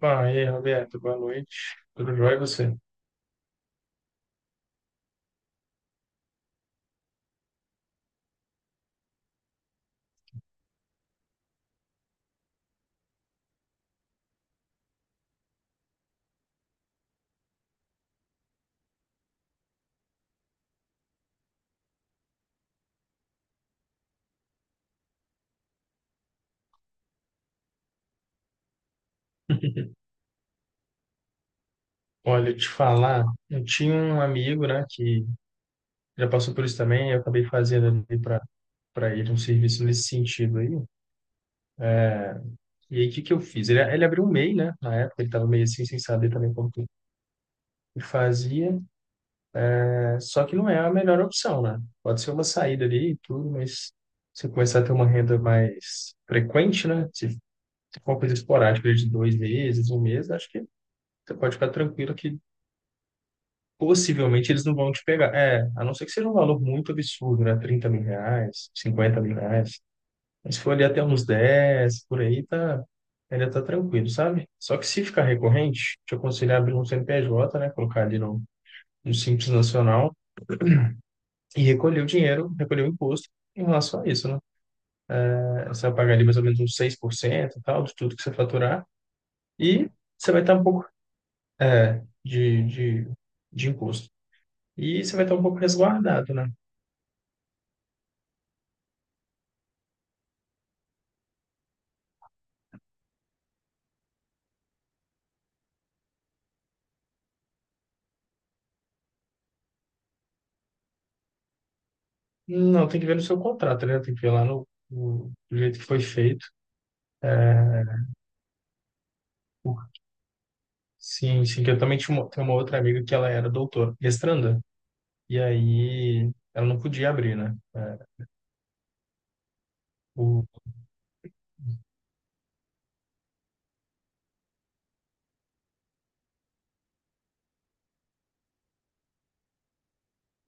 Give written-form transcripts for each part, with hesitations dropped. Bom, e aí, Roberto, boa noite. Tudo jóia e você? Olha, te falar, eu tinha um amigo, né, que já passou por isso também, eu acabei fazendo ali para ele um serviço nesse sentido aí. É, e aí, o que que eu fiz? Ele abriu um MEI, né, na época, ele estava meio assim, sem saber também como que fazia, né, só que não é a melhor opção, né? Pode ser uma saída ali e tudo, mas você começar a ter uma renda mais frequente, né, se for uma coisa esporádica de 2 meses, um mês, acho que você pode ficar tranquilo que possivelmente eles não vão te pegar. É, a não ser que seja um valor muito absurdo, né? Trinta mil reais, R$ 50.000. Mas se for ali até uns 10, por aí, tá, ainda tá tranquilo, sabe? Só que se ficar recorrente, te aconselho a abrir um CNPJ, né? Colocar ali no Simples Nacional e recolher o dinheiro, recolher o imposto em relação a isso, né? É, você vai pagar ali mais ou menos uns 6% e tal, de tudo que você faturar, e você vai estar um pouco de, de, de imposto. E você vai estar um pouco resguardado, né? Não, tem que ver no seu contrato, né? Tem que ver lá no, do jeito que foi feito. É, Por- sim, sim, que eu também tinha uma, tenho uma outra amiga que ela era doutora, mestranda, e aí ela não podia abrir, né? É, o,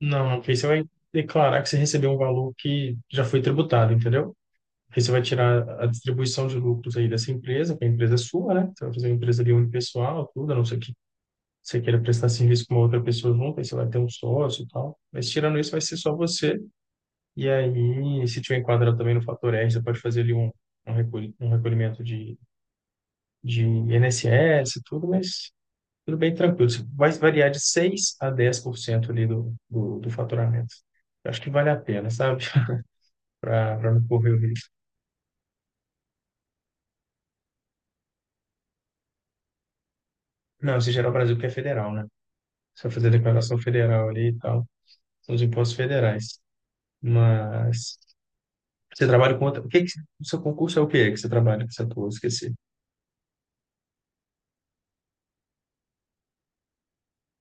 não, porque aí você vai declarar que você recebeu um valor que já foi tributado, entendeu? Aí você vai tirar a distribuição de lucros aí dessa empresa, que a empresa é sua, né? Você vai fazer uma empresa ali unipessoal, tudo, a não ser que você queira prestar serviço com uma outra pessoa junto, aí você vai ter um sócio e tal. Mas tirando isso, vai ser só você. E aí, se tiver enquadrado também no fator R, você pode fazer ali um, um recolhimento de INSS e tudo, mas tudo bem tranquilo. Isso vai variar de 6 a 10% ali do faturamento. Eu acho que vale a pena, sabe? Para não correr o risco. Não, se gerar o Brasil que é federal, né? Você vai fazer declaração federal ali e tal. São os impostos federais. Mas você trabalha com outra... O que que... O seu concurso é o quê que você trabalha, que você atua? Eu esqueci.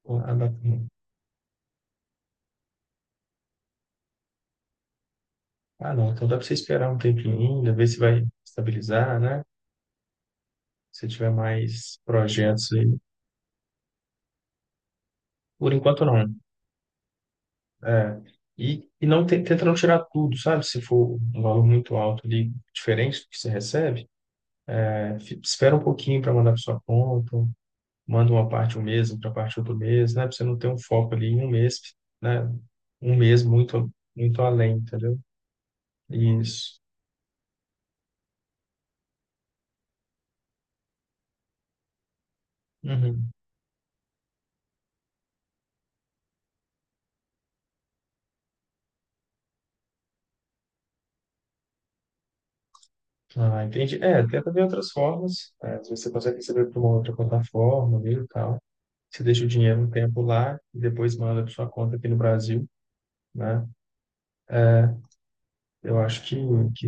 A data. Ah, não. Então dá para você esperar um tempinho ainda, ver se vai estabilizar, né? Se tiver mais projetos aí. Por enquanto, não. É. E tenta não tirar tudo, sabe? Se for um valor muito alto ali, diferente do que você recebe, é, espera um pouquinho para mandar para sua conta, manda uma parte um mês, outra parte outro mês, né? Para você não ter um foco ali em um mês, né? Um mês muito, muito além, entendeu? Isso. Uhum. Ah, entendi. É, tenta ver outras formas. É, às vezes você consegue receber por uma outra plataforma mesmo e tal. Você deixa o dinheiro um tempo lá e depois manda para sua conta aqui no Brasil, né? É, eu acho que...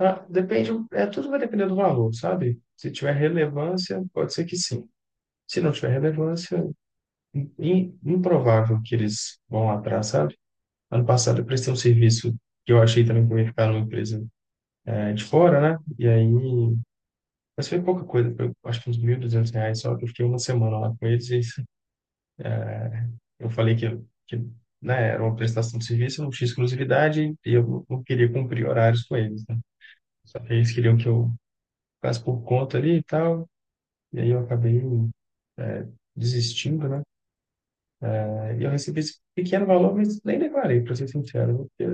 Ah, depende, é, tudo vai depender do valor, sabe? Se tiver relevância, pode ser que sim. Se não tiver relevância, im- improvável que eles vão lá atrás, sabe? Ano passado eu prestei um serviço que eu achei também que eu ia ficar numa empresa é, de fora, né? E aí mas foi pouca coisa, foi, acho que uns R$ 1.200 só, que eu fiquei uma semana lá com eles e eu falei que né, era uma prestação de serviço, não tinha exclusividade e eu não queria cumprir horários com eles, né? Só que eles queriam que eu ficasse por conta ali e tal, e aí eu acabei é, desistindo, né? É, e eu recebi esse pequeno valor, mas nem declarei, para ser sincero, né? Porque é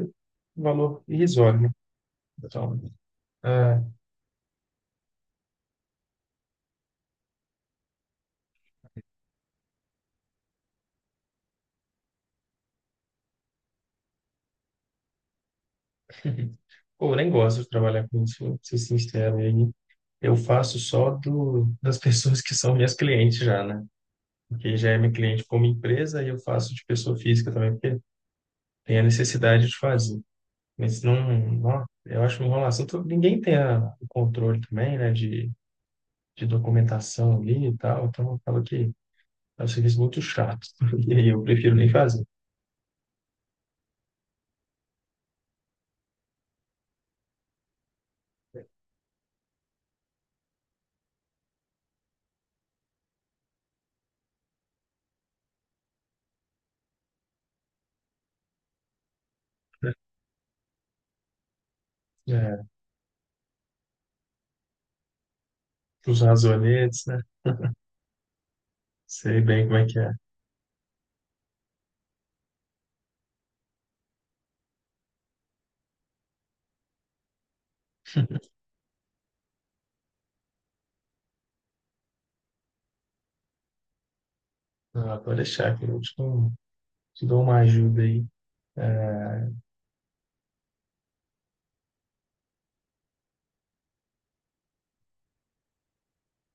um valor irrisório, né? Então, é, pô, eu nem gosto de trabalhar com isso, pra ser sincero, e aí eu faço só do, das pessoas que são minhas clientes já, né? Porque já é minha cliente como empresa e eu faço de pessoa física também, porque tem a necessidade de fazer. Mas não, não eu acho uma enrolação. Ninguém tem o controle também, né, de documentação ali e tal, então acaba que é um serviço muito chato. E aí eu prefiro nem fazer, né? É, os razonetes, né? Sei bem como é que é. Ah, pode deixar que eu te dou uma ajuda aí.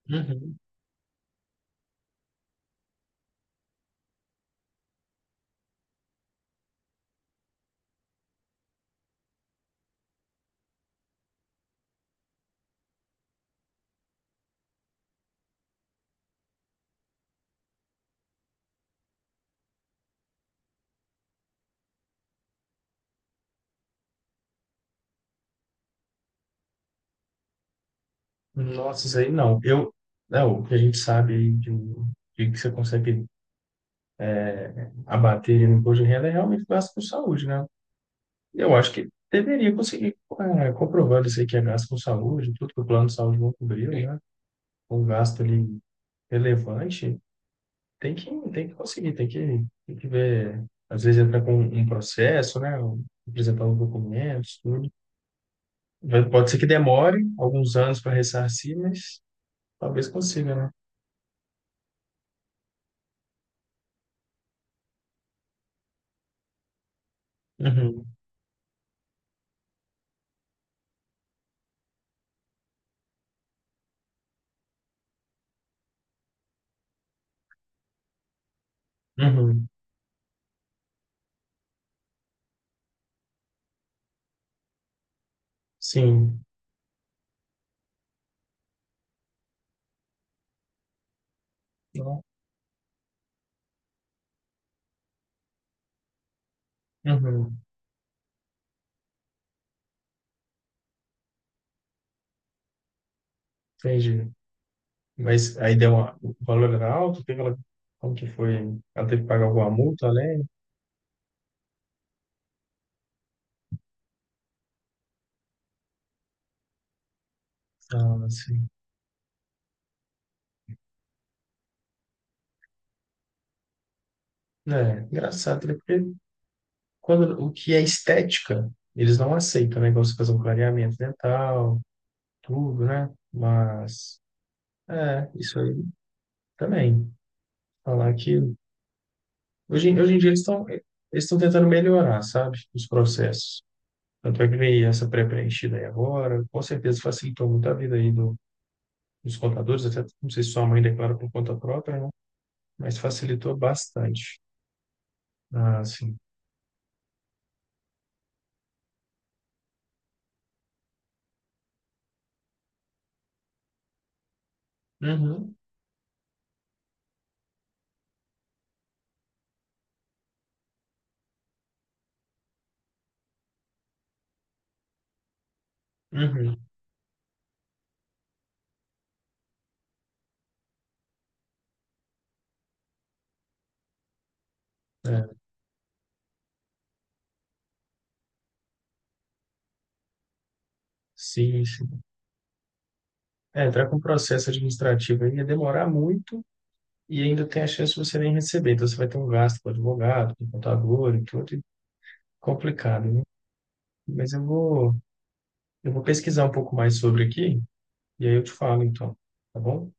Uhum. Nossa, isso aí não. O que a gente sabe aí de que você consegue abater no imposto de renda é realmente gasto com saúde, né? Eu acho que deveria conseguir, é, comprovando isso aí que é gasto com saúde, tudo que o plano de saúde não cobriu, sim, né? Um gasto ali relevante, tem que, tem que, conseguir, tem que ver. Às vezes entra com um processo, né? Apresentar os documentos, tudo. Pode ser que demore alguns anos para ressarcir, mas talvez consiga, né? Uhum. Uhum. Sim. Não. Uhum, entendi. Mas aí deu uma, o valor era alto, teve ela, como que foi? Ela teve que pagar alguma multa além? Ah, sim. É, engraçado, né? Porque quando, o que é estética, eles não aceitam, né? Igual você fazer um clareamento dental, tudo, né? Mas, é, isso aí também. Falar que, hoje em dia eles estão tentando melhorar, sabe? Os processos. Tanto é que veio essa pré-preenchida aí agora, com certeza facilitou muito a vida aí dos contadores, até não sei se sua mãe declara por conta própria, né? Mas facilitou bastante. Ah, sim. Uhum, uhum. É, sim, sim. É, entrar com processo administrativo aí ia demorar muito e ainda tem a chance de você nem receber. Então você vai ter um gasto com advogado, com contador e tudo, e complicado, né? Mas eu vou pesquisar um pouco mais sobre aqui e aí eu te falo então, tá bom?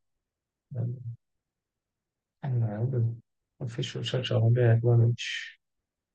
Nada. Então, fechou. Tchau, tchau, Roberto. Boa noite.